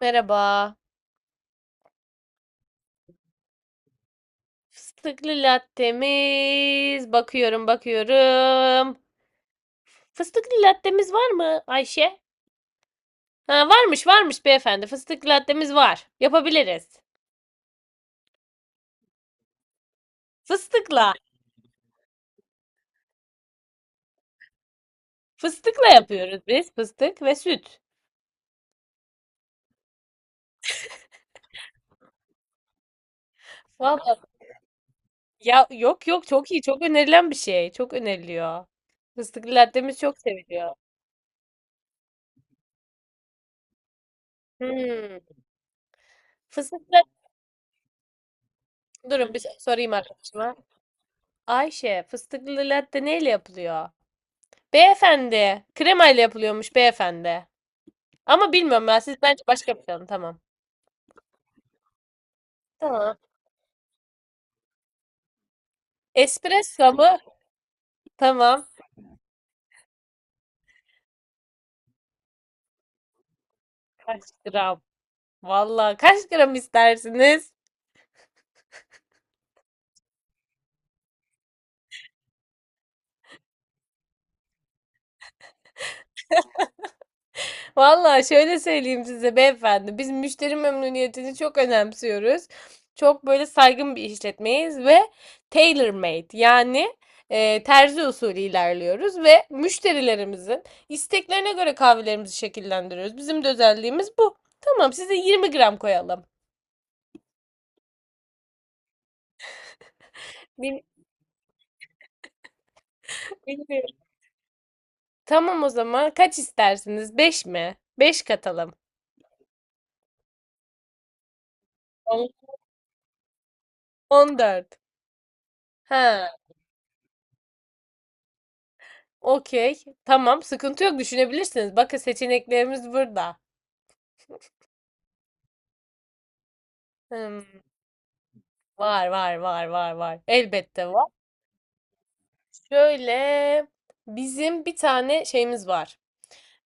Merhaba. Fıstıklı lattemiz. Bakıyorum, bakıyorum. Fıstıklı lattemiz var mı Ayşe? Ha, varmış, varmış beyefendi. Fıstıklı lattemiz var. Yapabiliriz. Fıstıkla. Fıstıkla yapıyoruz biz. Fıstık ve süt. Vallahi ya, yok yok, çok iyi. Çok önerilen bir şey. Çok öneriliyor. Fıstıklı lattemiz çok seviliyor. Hmm. Fıstıklı durun bir sorayım arkadaşıma. Ayşe, fıstıklı latte neyle yapılıyor? Beyefendi. Kremayla yapılıyormuş beyefendi. Ama bilmiyorum ben. Siz bence başka bir şey alın. Tamam. Tamam. Espresso mu? Tamam. Kaç gram? Vallahi kaç gram istersiniz? Vallahi şöyle söyleyeyim size beyefendi, biz müşteri memnuniyetini çok önemsiyoruz. Çok böyle saygın bir işletmeyiz ve tailor-made, yani terzi usulü ilerliyoruz ve müşterilerimizin isteklerine göre kahvelerimizi şekillendiriyoruz. Bizim de özelliğimiz bu. Tamam, size 20 gram koyalım. Bil- Bilmiyorum. Tamam, o zaman kaç istersiniz? 5 mi? 5 katalım. On- 14. Ha, okey. Tamam, sıkıntı yok, düşünebilirsiniz. Bakın, seçeneklerimiz burada. Hımm, var, var, var, var, var. Elbette var. Şöyle, bizim bir tane şeyimiz var.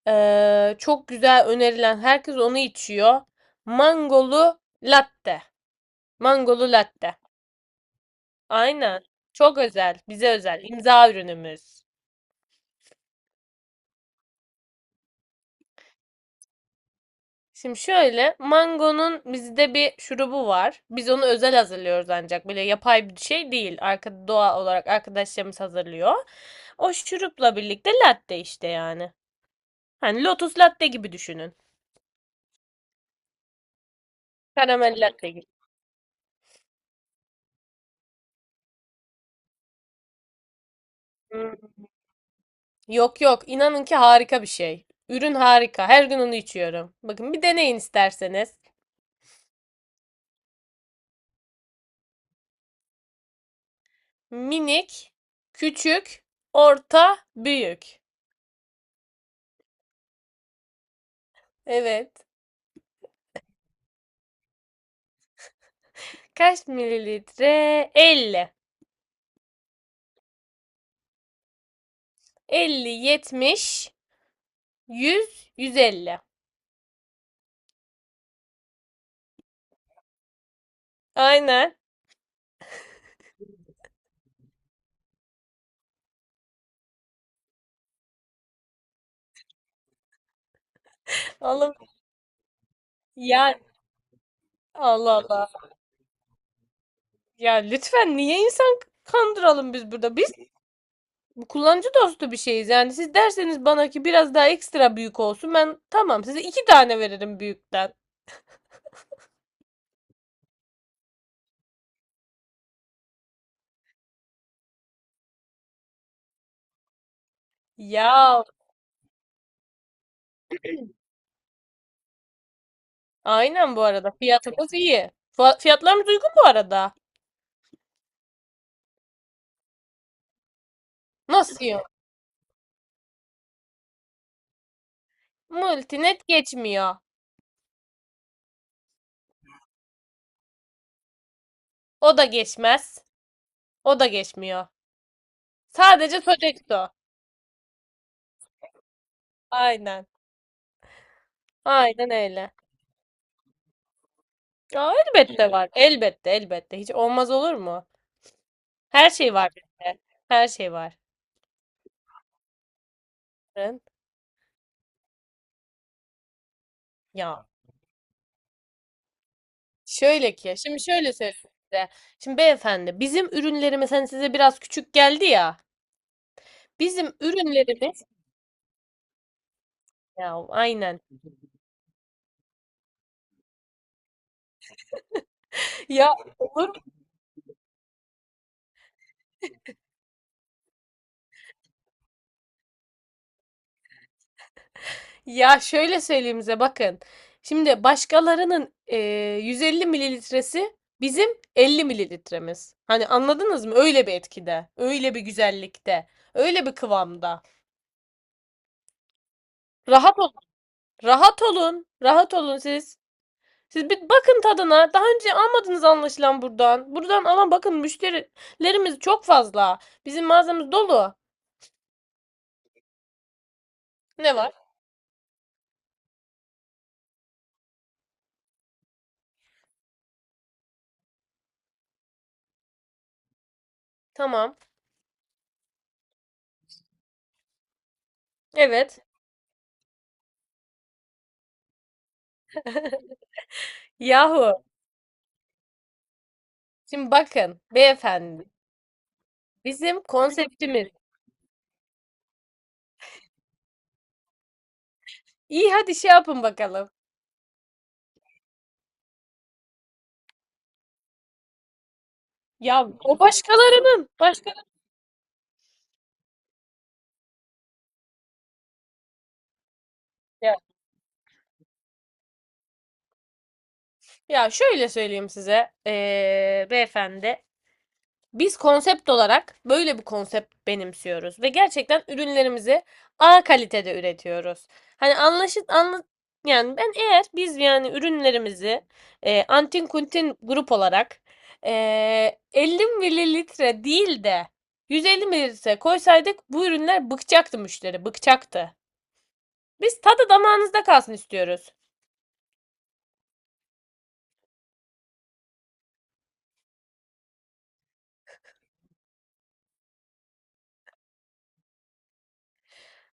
Çok güzel önerilen, herkes onu içiyor. Mangolu latte. Mangolu latte. Aynen. Çok özel, bize özel, imza ürünümüz. Şimdi şöyle, mangonun bizde bir şurubu var. Biz onu özel hazırlıyoruz ancak. Böyle yapay bir şey değil. Arka, doğal olarak arkadaşlarımız hazırlıyor. O şurupla birlikte latte işte yani. Hani Lotus Latte gibi düşünün. Karamel latte gibi. Hı. Yok yok, inanın ki harika bir şey. Ürün harika. Her gün onu içiyorum. Bakın bir deneyin isterseniz. Minik, küçük, orta, büyük. Evet. Kaç mililitre? 50. 50, 70, 100, 150. Aynen. Alın. Ya Allah Allah. Ya lütfen niye insan kandıralım biz burada? Biz kullanıcı dostu bir şeyiz. Yani siz derseniz bana ki biraz daha ekstra büyük olsun. Ben tamam, size iki tane veririm büyükten. Ya aynen bu arada. Fiyatımız iyi. Fiyatlarımız uygun bu arada. Nasıl yok? Multinet geçmiyor. O da geçmez. O da geçmiyor. Sadece Sodexo. Aynen. Aynen öyle. Aa, elbette var. Elbette, elbette. Hiç olmaz olur mu? Her şey var bizde. Her şey var. Ya. Şöyle ki, şimdi şöyle söyleyeyim size. Şimdi beyefendi, bizim ürünlerimiz hani size biraz küçük geldi ya. Bizim ürünlerimiz ya aynen. Ya olur mu? Ya şöyle söyleyeyim size bakın. Şimdi başkalarının 150 mililitresi bizim 50 mililitremiz. Hani anladınız mı? Öyle bir etkide, öyle bir güzellikte, öyle bir kıvamda. Rahat olun. Rahat olun. Rahat olun siz. Siz bir bakın tadına. Daha önce almadınız anlaşılan buradan. Buradan alan, bakın, müşterilerimiz çok fazla. Bizim mağazamız dolu. Ne var? Tamam. Evet. Yahu. Şimdi bakın beyefendi. Bizim konseptimiz. İyi, hadi şey yapın bakalım. Ya o başkalarının. Ya, ya şöyle söyleyeyim size. Beyefendi. Biz konsept olarak böyle bir konsept benimsiyoruz ve gerçekten ürünlerimizi A kalitede üretiyoruz. Hani anlaşıl anla yani ben eğer biz yani ürünlerimizi Antin Kuntin grup olarak 50 mililitre değil de 150 mililitre koysaydık bu ürünler bıkacaktı müşteri, bıkacaktı. Biz tadı damağınızda kalsın istiyoruz.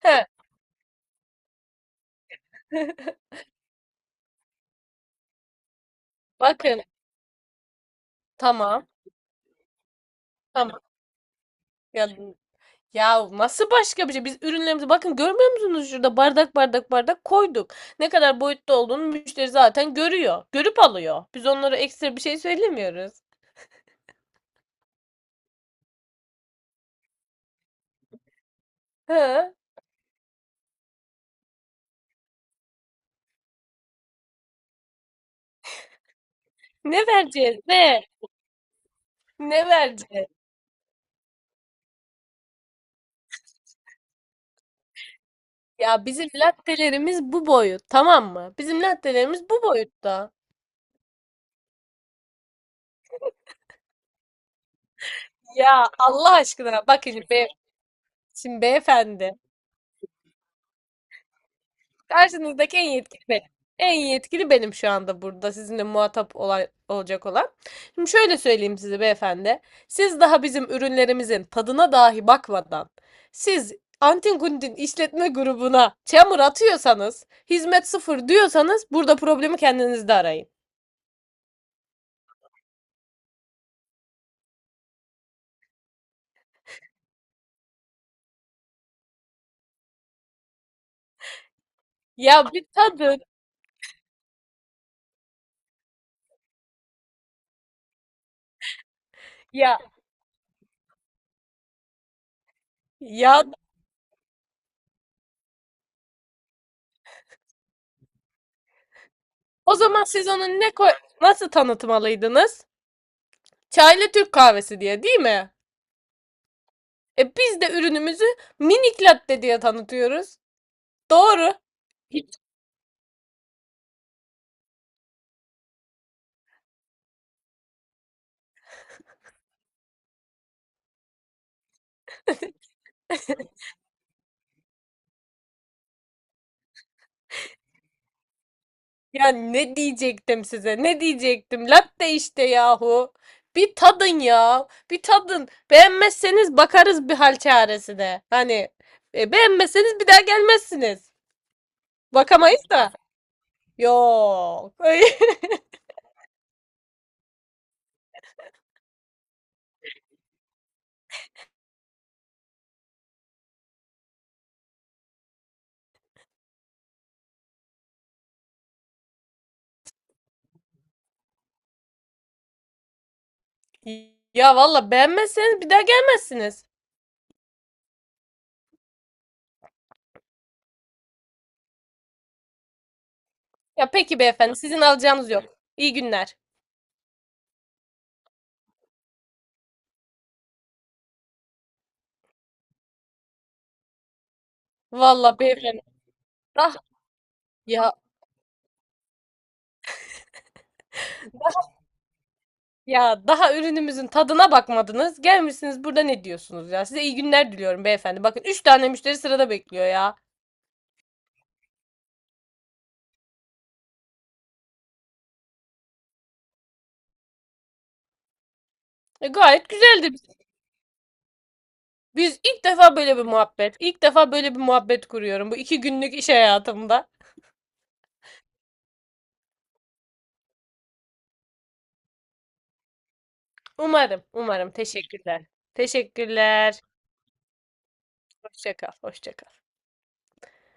He. Bakın, tamam tamam. Ya Ya nasıl başka bir şey? Biz ürünlerimizi, bakın, görmüyor musunuz şurada bardak bardak bardak koyduk. Ne kadar boyutta olduğunu müşteri zaten görüyor. Görüp alıyor. Biz onlara ekstra bir şey söylemiyoruz. Ha? Ne vereceğiz? Ne? Ne vereceğiz? Ya bizim lattelerimiz bu boyut, tamam mı? Bizim lattelerimiz bu boyutta. Ya Allah aşkına bakın be, şimdi beyefendi karşınızdaki en yetkili benim. En yetkili benim şu anda burada sizinle muhatap olacak olan. Şimdi şöyle söyleyeyim size beyefendi. Siz daha bizim ürünlerimizin tadına dahi bakmadan siz Antin Kuntin işletme grubuna çamur atıyorsanız, hizmet sıfır diyorsanız, burada problemi kendinizde arayın. Ya bir tadın ya, ya o zaman siz onu ne koy nasıl tanıtmalıydınız? Çaylı Türk kahvesi diye değil mi? E biz de ürünümüzü minik latte diye tanıtıyoruz. Doğru. Hiç ya, ne diyecektim size? Ne diyecektim? Latte işte yahu. Bir tadın ya. Bir tadın. Beğenmezseniz bakarız bir hal çaresi. Hani, beğenmezseniz bir daha gelmezsiniz. Bakamayız da. Yok. Ya valla, beğenmezseniz bir daha gelmezsiniz. Ya peki beyefendi, sizin alacağınız yok. İyi günler. Valla beyefendi. Ah ya, ya daha ürünümüzün tadına bakmadınız. Gelmişsiniz burada ne diyorsunuz ya? Size iyi günler diliyorum beyefendi. Bakın, 3 tane müşteri sırada bekliyor ya. E, gayet güzeldi. Biz ilk defa böyle bir muhabbet. İlk defa böyle bir muhabbet kuruyorum bu iki günlük iş hayatımda. Umarım, umarım. Teşekkürler. Teşekkürler. Hoşça kal, hoşça kal.